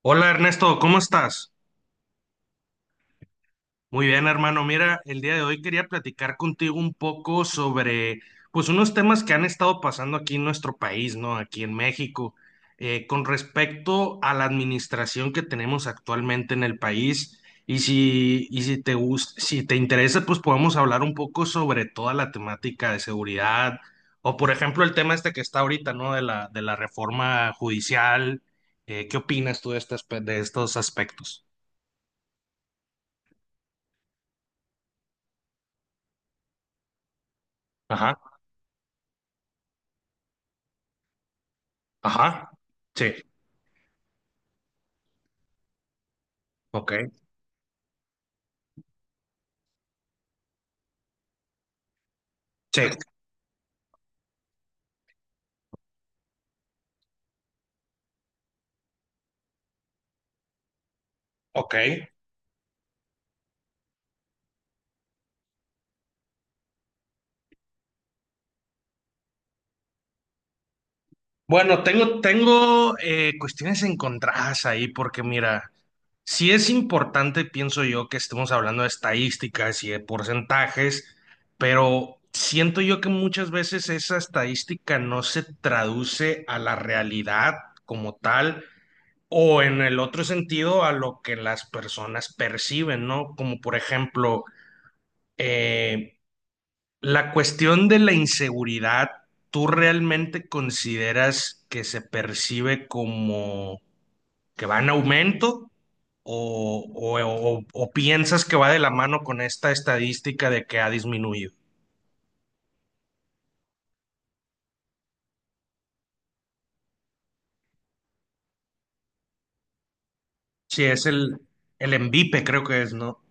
Hola Ernesto, ¿cómo estás? Muy bien, hermano. Mira, el día de hoy quería platicar contigo un poco sobre, pues, unos temas que han estado pasando aquí en nuestro país, ¿no? Aquí en México, con respecto a la administración que tenemos actualmente en el país. Y si te gusta, si te interesa, pues podemos hablar un poco sobre toda la temática de seguridad, o por ejemplo, el tema este que está ahorita, ¿no? De la reforma judicial. ¿qué opinas tú de estos aspectos? Ajá. Ajá, sí, ok, sí, ok. Bueno, tengo cuestiones encontradas ahí porque mira, sí es importante, pienso yo, que estemos hablando de estadísticas y de porcentajes, pero siento yo que muchas veces esa estadística no se traduce a la realidad como tal o en el otro sentido a lo que las personas perciben, ¿no? Como por ejemplo... eh, La cuestión de la inseguridad, ¿tú realmente consideras que se percibe como que va en aumento? ¿O, o- o piensas que va de la mano con esta estadística de que ha disminuido? Sí, es el ENVIPE, creo que es, ¿no?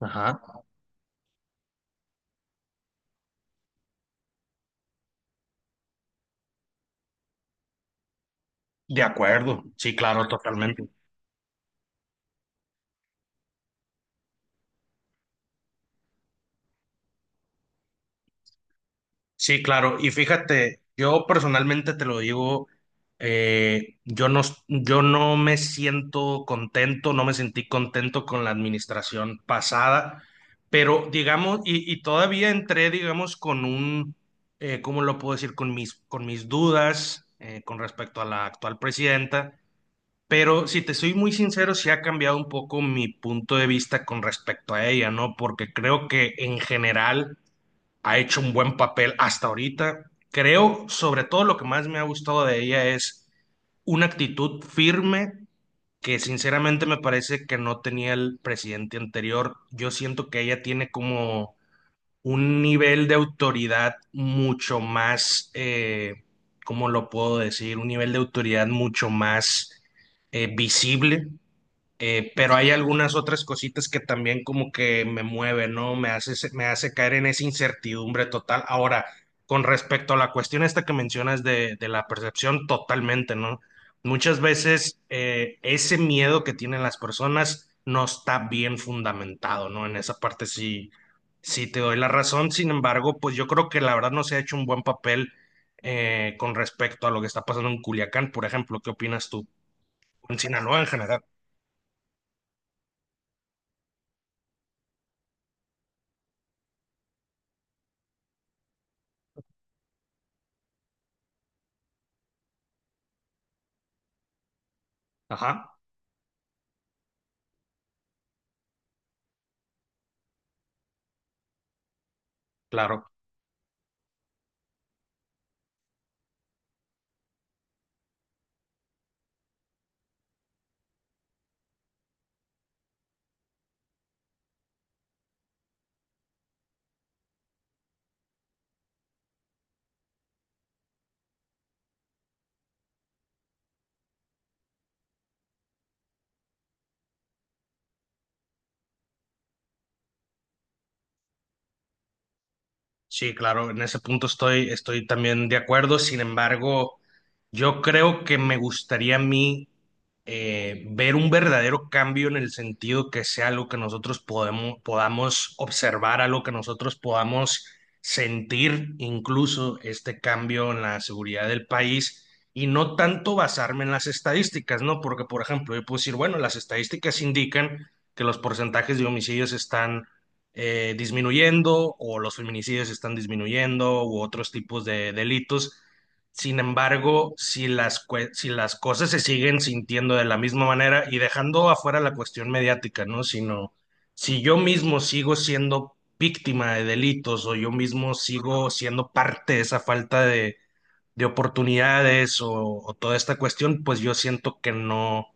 Ajá. De acuerdo, sí, claro, totalmente. Sí, claro. Y fíjate, yo personalmente te lo digo, eh, yo no, yo no me siento contento, no me sentí contento con la administración pasada, pero digamos, y todavía entré, digamos, con un, ¿cómo lo puedo decir? Con mis dudas con respecto a la actual presidenta, pero si te soy muy sincero, sí ha cambiado un poco mi punto de vista con respecto a ella, ¿no? Porque creo que en general ha hecho un buen papel hasta ahorita. Creo, sobre todo, lo que más me ha gustado de ella es una actitud firme que sinceramente me parece que no tenía el presidente anterior. Yo siento que ella tiene como un nivel de autoridad mucho más, ¿cómo lo puedo decir? Un nivel de autoridad mucho más visible, pero hay algunas otras cositas que también como que me mueve, ¿no? Me hace caer en esa incertidumbre total. Ahora, con respecto a la cuestión esta que mencionas de la percepción, totalmente, ¿no? Muchas veces ese miedo que tienen las personas no está bien fundamentado, ¿no? En esa parte sí, sí te doy la razón. Sin embargo, pues yo creo que la verdad no se ha hecho un buen papel con respecto a lo que está pasando en Culiacán, por ejemplo. ¿Qué opinas tú? En Sinaloa en general. Ajá. Claro, sí, claro, en ese punto estoy también de acuerdo. Sin embargo, yo creo que me gustaría a mí ver un verdadero cambio en el sentido que sea algo que nosotros podamos observar, algo que nosotros podamos sentir, incluso este cambio en la seguridad del país, y no tanto basarme en las estadísticas, ¿no? Porque, por ejemplo, yo puedo decir, bueno, las estadísticas indican que los porcentajes de homicidios están disminuyendo, o los feminicidios están disminuyendo u otros tipos de delitos. Sin embargo, si las cosas se siguen sintiendo de la misma manera y dejando afuera la cuestión mediática, ¿no? Sino, si yo mismo sigo siendo víctima de delitos o yo mismo sigo siendo parte de esa falta de oportunidades o toda esta cuestión, pues yo siento que no,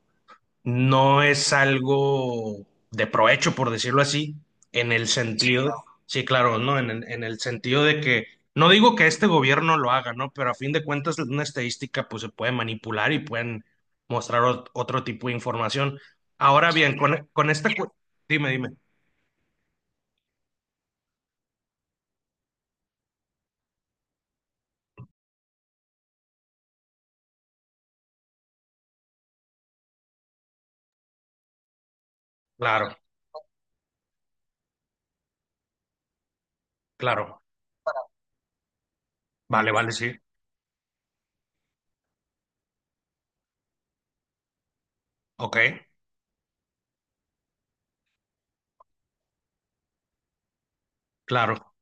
no es algo de provecho, por decirlo así, en el sí, sentido, claro, sí, claro, ¿no? En el sentido de que, no digo que este gobierno lo haga, ¿no? Pero a fin de cuentas, una estadística, pues se puede manipular y pueden mostrar otro tipo de información. Ahora bien, sí, con esta. Dime, dime. Claro, claro. Vale, vale, sí. Ok, claro.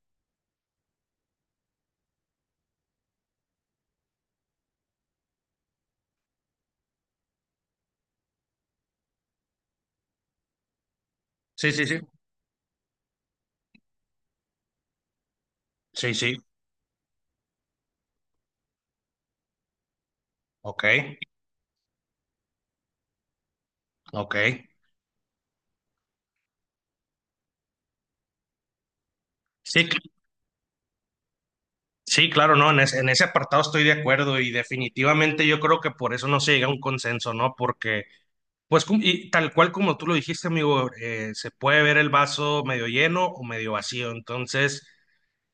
Sí, sí, sí. Sí, sí. Ok, ok. Sí, sí, claro, no, en ese apartado estoy de acuerdo y definitivamente yo creo que por eso no se llega a un consenso, ¿no? Porque, pues, y tal cual como tú lo dijiste, amigo, se puede ver el vaso medio lleno o medio vacío. Entonces,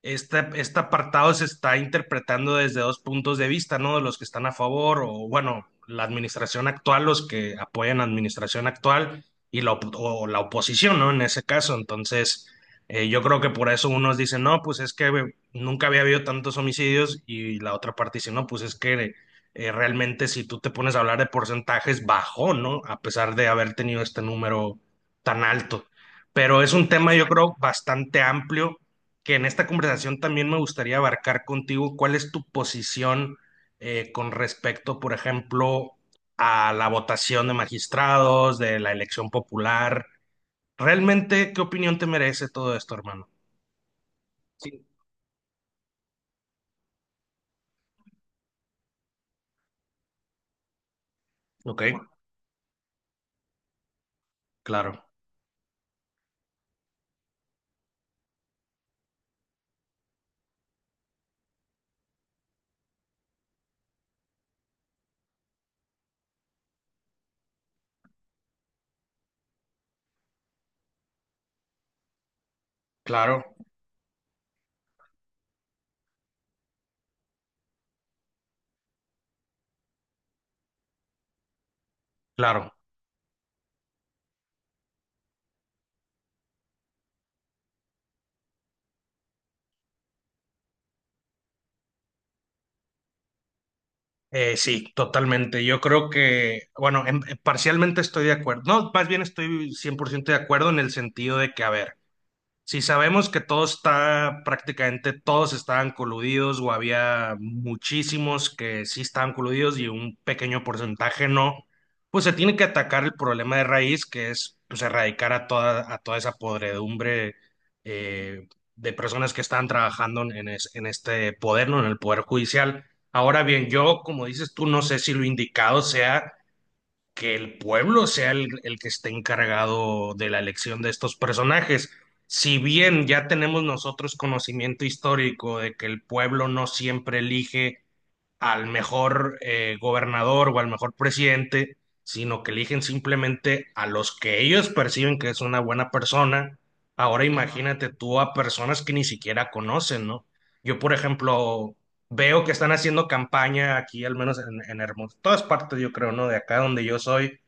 este apartado se está interpretando desde dos puntos de vista, ¿no? De los que están a favor o, bueno, la administración actual, los que apoyan la administración actual y la, op- o la oposición, ¿no? En ese caso, entonces, yo creo que por eso unos dicen, no, pues es que nunca había habido tantos homicidios, y la otra parte dice, no, pues es que realmente, si tú te pones a hablar de porcentajes, bajó, ¿no? A pesar de haber tenido este número tan alto. Pero es un tema, yo creo, bastante amplio, que en esta conversación también me gustaría abarcar contigo cuál es tu posición con respecto, por ejemplo, a la votación de magistrados, de la elección popular. ¿Realmente qué opinión te merece todo esto, hermano? Sí. Ok, claro, claro, claro. Sí, totalmente. Yo creo que, bueno, parcialmente estoy de acuerdo. No, más bien estoy 100% de acuerdo en el sentido de que, a ver, si sabemos que todo está, prácticamente todos estaban coludidos, o había muchísimos que sí estaban coludidos y un pequeño porcentaje no, pues se tiene que atacar el problema de raíz, que es, pues, erradicar a toda esa podredumbre, eh, de personas que están trabajando en este poder, ¿no? En el poder judicial. Ahora bien, yo, como dices tú, no sé si lo indicado sea que el pueblo sea el que esté encargado de la elección de estos personajes. Si bien ya tenemos nosotros conocimiento histórico de que el pueblo no siempre elige al mejor gobernador o al mejor presidente, sino que eligen simplemente a los que ellos perciben que es una buena persona. Ahora imagínate tú a personas que ni siquiera conocen, ¿no? Yo, por ejemplo, veo que están haciendo campaña aquí, al menos en Hermosillo, todas partes, yo creo, ¿no? De acá donde yo soy,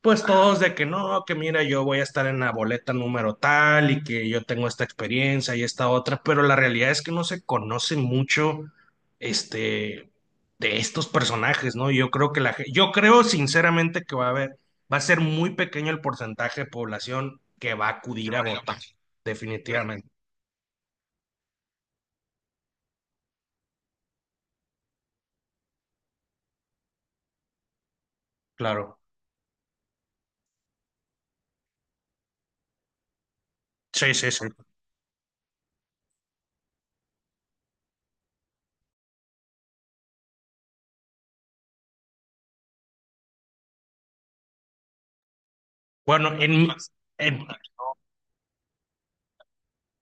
pues todos de que no, que mira, yo voy a estar en la boleta número tal y que yo tengo esta experiencia y esta otra, pero la realidad es que no se conoce mucho este de estos personajes, ¿no? Yo creo sinceramente que va a ser muy pequeño el porcentaje de población que va a acudir a votar, votar. Definitivamente, claro. Sí, sí, sí. Bueno, en-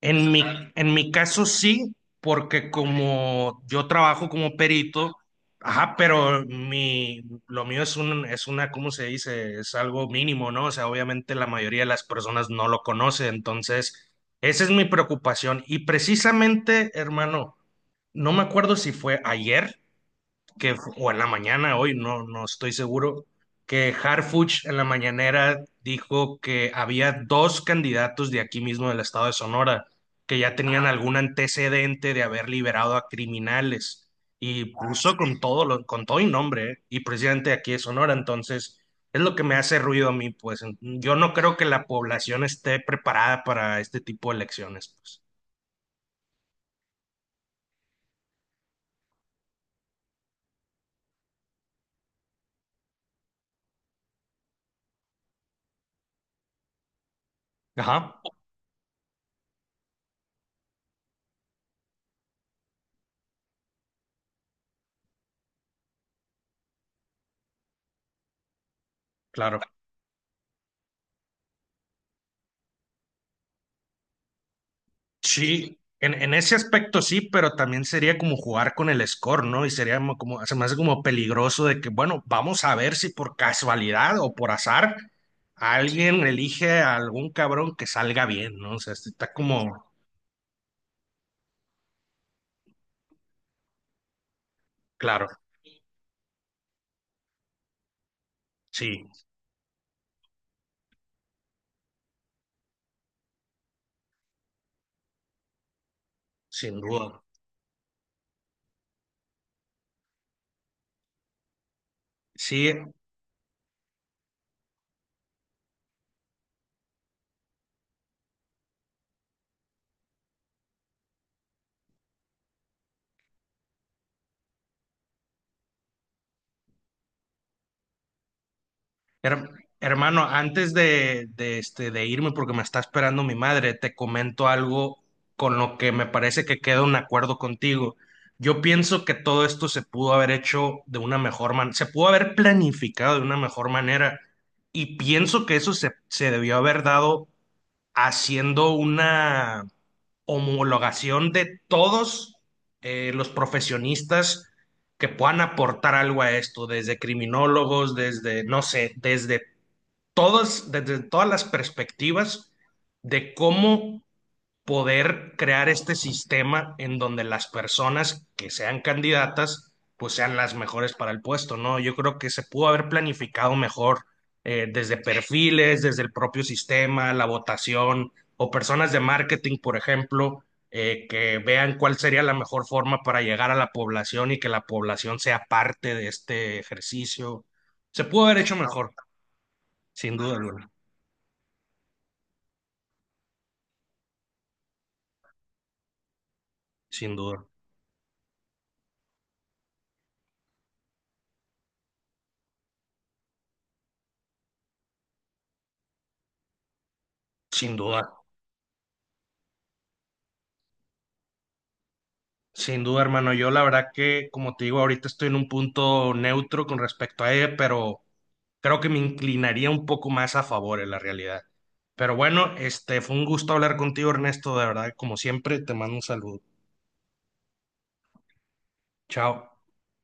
En mi, en mi caso sí, porque como yo trabajo como perito, ajá, pero mi, lo mío es una, ¿cómo se dice? Es algo mínimo, ¿no? O sea, obviamente la mayoría de las personas no lo conoce, entonces esa es mi preocupación. Y precisamente, hermano, no me acuerdo si fue ayer, que, o en la mañana, hoy no, no estoy seguro, que Harfuch en la mañanera dijo que había dos candidatos de aquí mismo del estado de Sonora que ya tenían algún antecedente de haber liberado a criminales, y puso, con todo y nombre, ¿eh?, y presidente, de aquí de Sonora. Entonces es lo que me hace ruido a mí, pues yo no creo que la población esté preparada para este tipo de elecciones, pues. Ajá, claro. Sí, en ese aspecto sí, pero también sería como jugar con el score, ¿no? Y sería como, se me hace como peligroso de que, bueno, vamos a ver si por casualidad o por azar alguien elige a algún cabrón que salga bien, ¿no? O sea, está como, claro, sí, sin duda. Sí, Her- hermano, antes de irme, porque me está esperando mi madre, te comento algo con lo que me parece que queda un acuerdo contigo. Yo pienso que todo esto se pudo haber hecho de una mejor manera, se pudo haber planificado de una mejor manera, y pienso que eso se debió haber dado haciendo una homologación de todos los profesionistas que puedan aportar algo a esto, desde criminólogos, desde, no sé, desde todas las perspectivas, de cómo poder crear este sistema en donde las personas que sean candidatas pues sean las mejores para el puesto, ¿no? Yo creo que se pudo haber planificado mejor, desde perfiles, desde el propio sistema, la votación, o personas de marketing, por ejemplo, que vean cuál sería la mejor forma para llegar a la población y que la población sea parte de este ejercicio. Se pudo haber hecho mejor, sin duda alguna, sin duda, sin duda. Sin duda, hermano. Yo la verdad que, como te digo, ahorita estoy en un punto neutro con respecto a ella, pero creo que me inclinaría un poco más a favor en la realidad. Pero bueno, este fue un gusto hablar contigo, Ernesto. De verdad, como siempre, te mando un saludo. Chao.